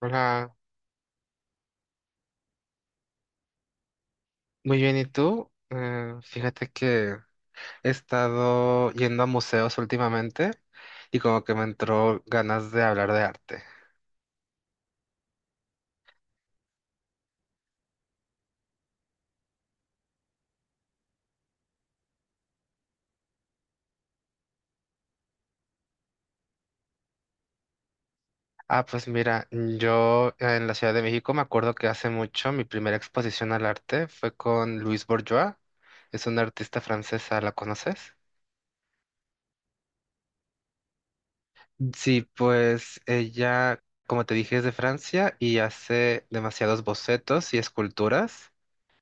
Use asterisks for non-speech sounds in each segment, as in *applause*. Hola, muy bien, ¿y tú? Fíjate que he estado yendo a museos últimamente y como que me entró ganas de hablar de arte. Ah, pues mira, yo en la Ciudad de México me acuerdo que hace mucho mi primera exposición al arte fue con Louise Bourgeois, es una artista francesa, ¿la conoces? Sí, pues ella, como te dije, es de Francia y hace demasiados bocetos y esculturas.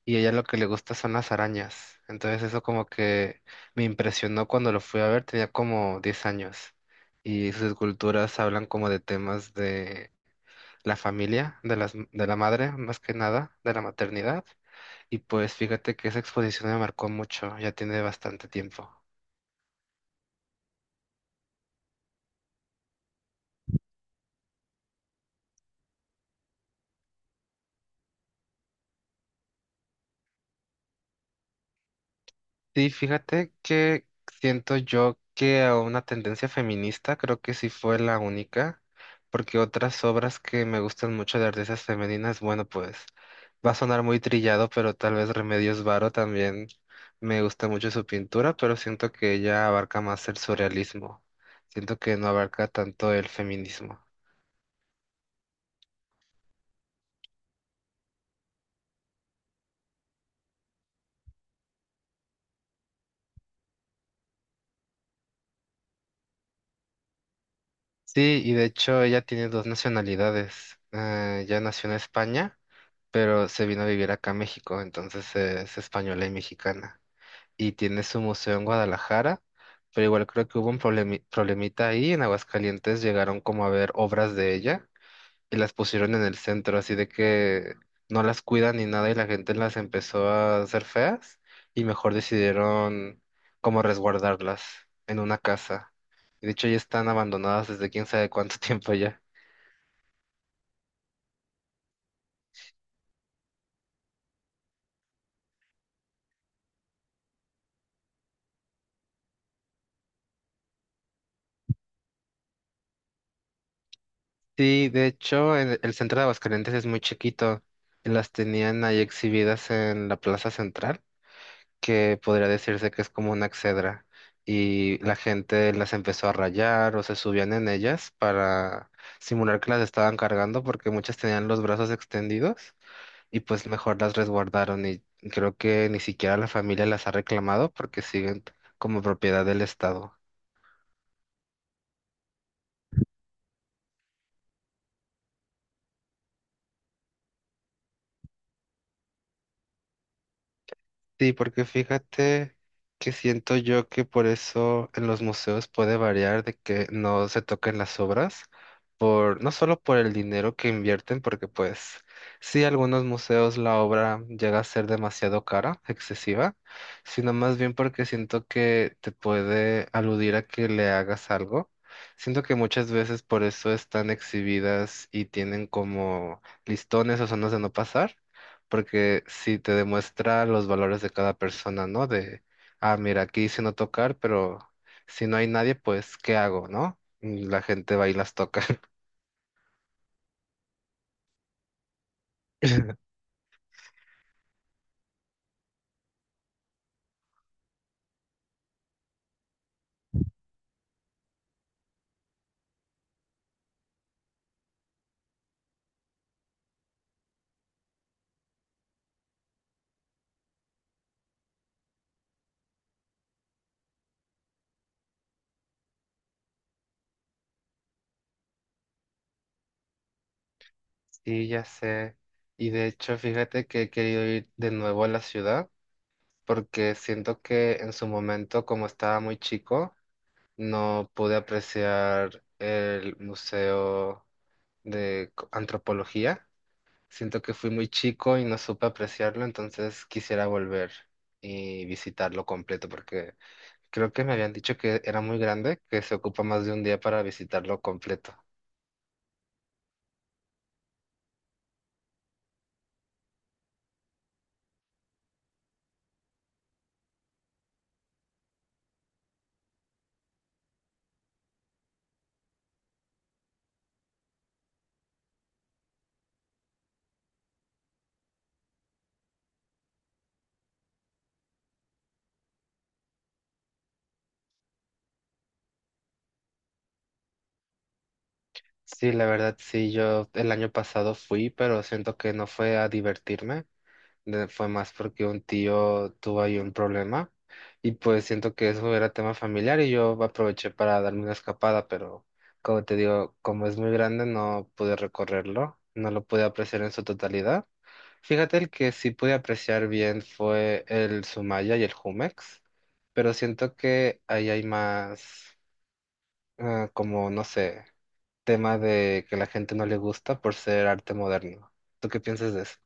Y a ella lo que le gusta son las arañas. Entonces eso como que me impresionó cuando lo fui a ver, tenía como 10 años y sus esculturas hablan como de temas de la familia, de las, de la madre más que nada, de la maternidad. Y pues fíjate que esa exposición me marcó mucho, ya tiene bastante tiempo. Sí, fíjate que siento yo que a una tendencia feminista creo que sí fue la única, porque otras obras que me gustan mucho de artistas femeninas, bueno, pues va a sonar muy trillado, pero tal vez Remedios Varo también me gusta mucho su pintura, pero siento que ella abarca más el surrealismo, siento que no abarca tanto el feminismo. Sí, y de hecho ella tiene dos nacionalidades, ella nació en España pero se vino a vivir acá a México, entonces es española y mexicana. Y tiene su museo en Guadalajara, pero igual creo que hubo un problemita ahí. En Aguascalientes llegaron como a ver obras de ella y las pusieron en el centro, así de que no las cuidan ni nada y la gente las empezó a hacer feas y mejor decidieron como resguardarlas en una casa. Y de hecho ya están abandonadas desde quién sabe cuánto *laughs* tiempo ya. Sí, de hecho, el centro de Aguascalientes es muy chiquito. Las tenían ahí exhibidas en la plaza central, que podría decirse que es como una exedra. Y la gente las empezó a rayar o se subían en ellas para simular que las estaban cargando, porque muchas tenían los brazos extendidos y pues mejor las resguardaron. Y creo que ni siquiera la familia las ha reclamado porque siguen como propiedad del Estado. Sí, porque fíjate que siento yo que por eso en los museos puede variar de que no se toquen las obras, por, no solo por el dinero que invierten, porque pues sí, algunos museos la obra llega a ser demasiado cara, excesiva, sino más bien porque siento que te puede aludir a que le hagas algo. Siento que muchas veces por eso están exhibidas y tienen como listones o zonas de no pasar porque sí te demuestra los valores de cada persona, ¿no? De, ah, mira, aquí dice no tocar, pero si no hay nadie, pues, ¿qué hago, no? Y la gente va y las toca. *laughs* Sí, ya sé. Y de hecho, fíjate que he querido ir de nuevo a la ciudad porque siento que en su momento, como estaba muy chico, no pude apreciar el Museo de Antropología. Siento que fui muy chico y no supe apreciarlo, entonces quisiera volver y visitarlo completo, porque creo que me habían dicho que era muy grande, que se ocupa más de un día para visitarlo completo. Sí, la verdad, sí, yo el año pasado fui, pero siento que no fue a divertirme, fue más porque un tío tuvo ahí un problema y pues siento que eso era tema familiar y yo aproveché para darme una escapada, pero como te digo, como es muy grande, no pude recorrerlo, no lo pude apreciar en su totalidad. Fíjate, el que sí pude apreciar bien fue el Sumaya y el Jumex, pero siento que ahí hay más, ah, como, no sé, tema de que la gente no le gusta por ser arte moderno. ¿Tú qué piensas de eso?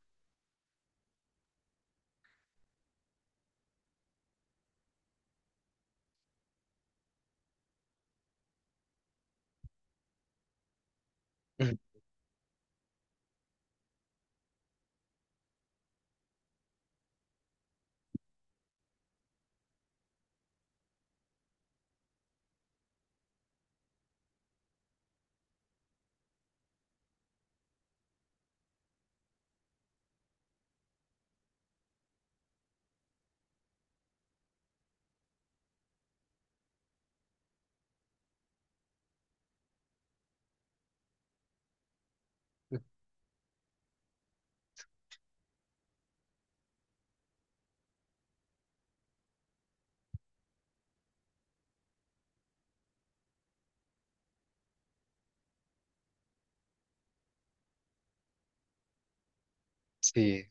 *laughs* Sí,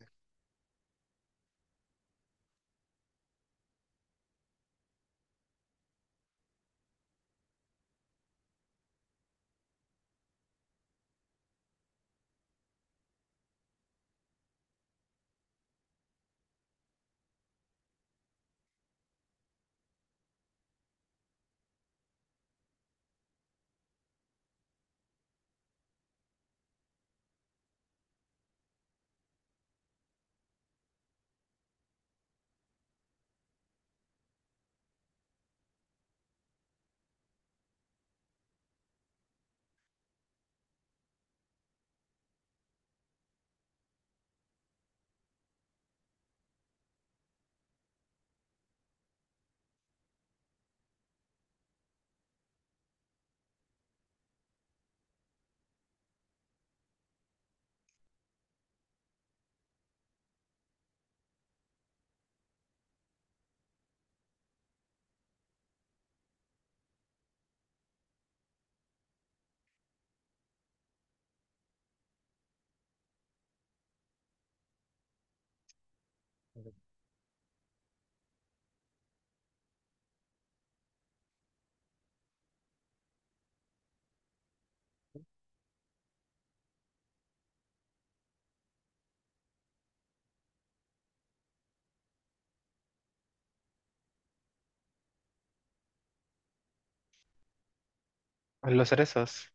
los cerezos.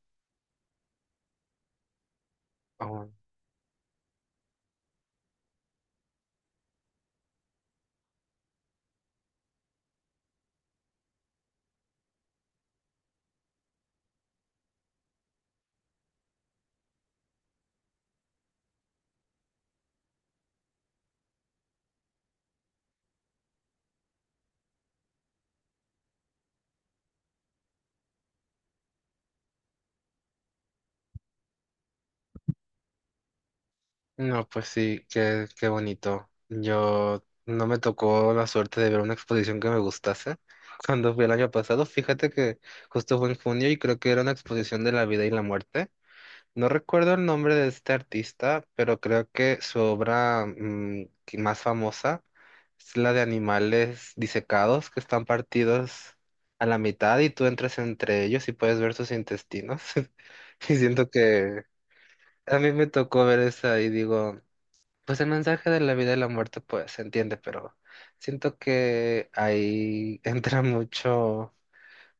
Oh, no, pues sí, qué, qué bonito. Yo no me tocó la suerte de ver una exposición que me gustase. Cuando fui el año pasado, fíjate que justo fue en junio y creo que era una exposición de la vida y la muerte. No recuerdo el nombre de este artista, pero creo que su obra que más famosa es la de animales disecados que están partidos a la mitad y tú entras entre ellos y puedes ver sus intestinos. *laughs* Y siento que a mí me tocó ver esa y digo, pues el mensaje de la vida y la muerte pues se entiende, pero siento que ahí *laughs* entra mucho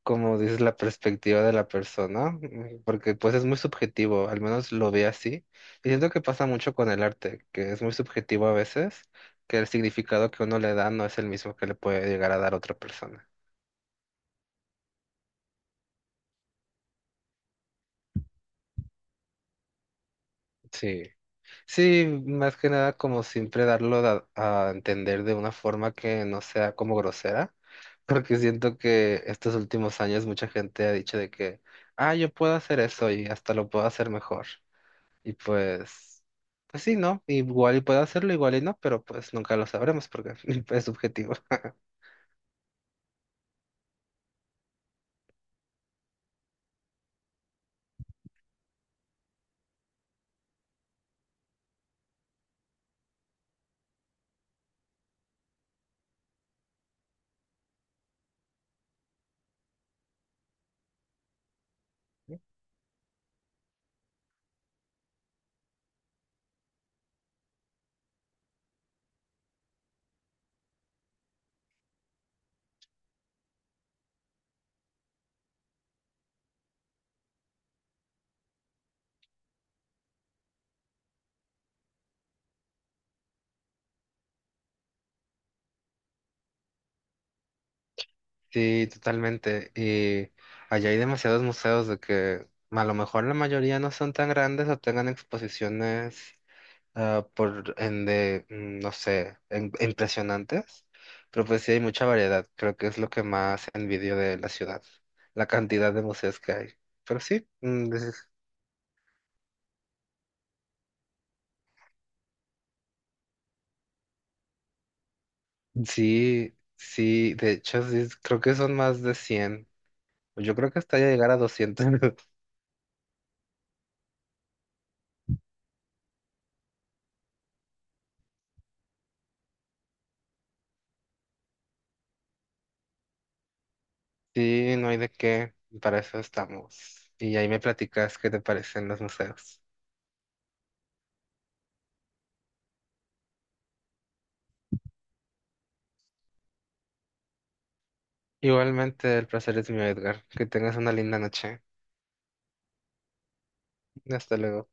como dices, la perspectiva de la persona, porque pues es muy subjetivo, al menos lo ve así. Y siento que pasa mucho con el arte, que es muy subjetivo a veces, que el significado que uno le da no es el mismo que le puede llegar a dar otra persona. Sí, sí, más que nada como siempre darlo a entender de una forma que no sea como grosera, *laughs* porque siento que estos últimos años mucha gente ha dicho de que, ah, yo puedo hacer eso y hasta lo puedo hacer mejor. Y pues, pues sí, ¿no? Igual y puede hacerlo, igual y no, pero pues nunca lo sabremos porque *laughs* es subjetivo. *laughs* Sí, totalmente. Y allá hay demasiados museos de que a lo mejor la mayoría no son tan grandes o tengan exposiciones ah, por en de, no sé, impresionantes. Pero pues sí hay mucha variedad. Creo que es lo que más envidio de la ciudad, la cantidad de museos que hay. Pero sí, mm. Sí, sí, de hecho, sí, creo que son más de 100. Yo creo que hasta llegar a 200. *laughs* Sí, no hay de qué, para eso estamos. Y ahí me platicas qué te parecen los museos. Igualmente, el placer es mío, Edgar. Que tengas una linda noche. Hasta luego.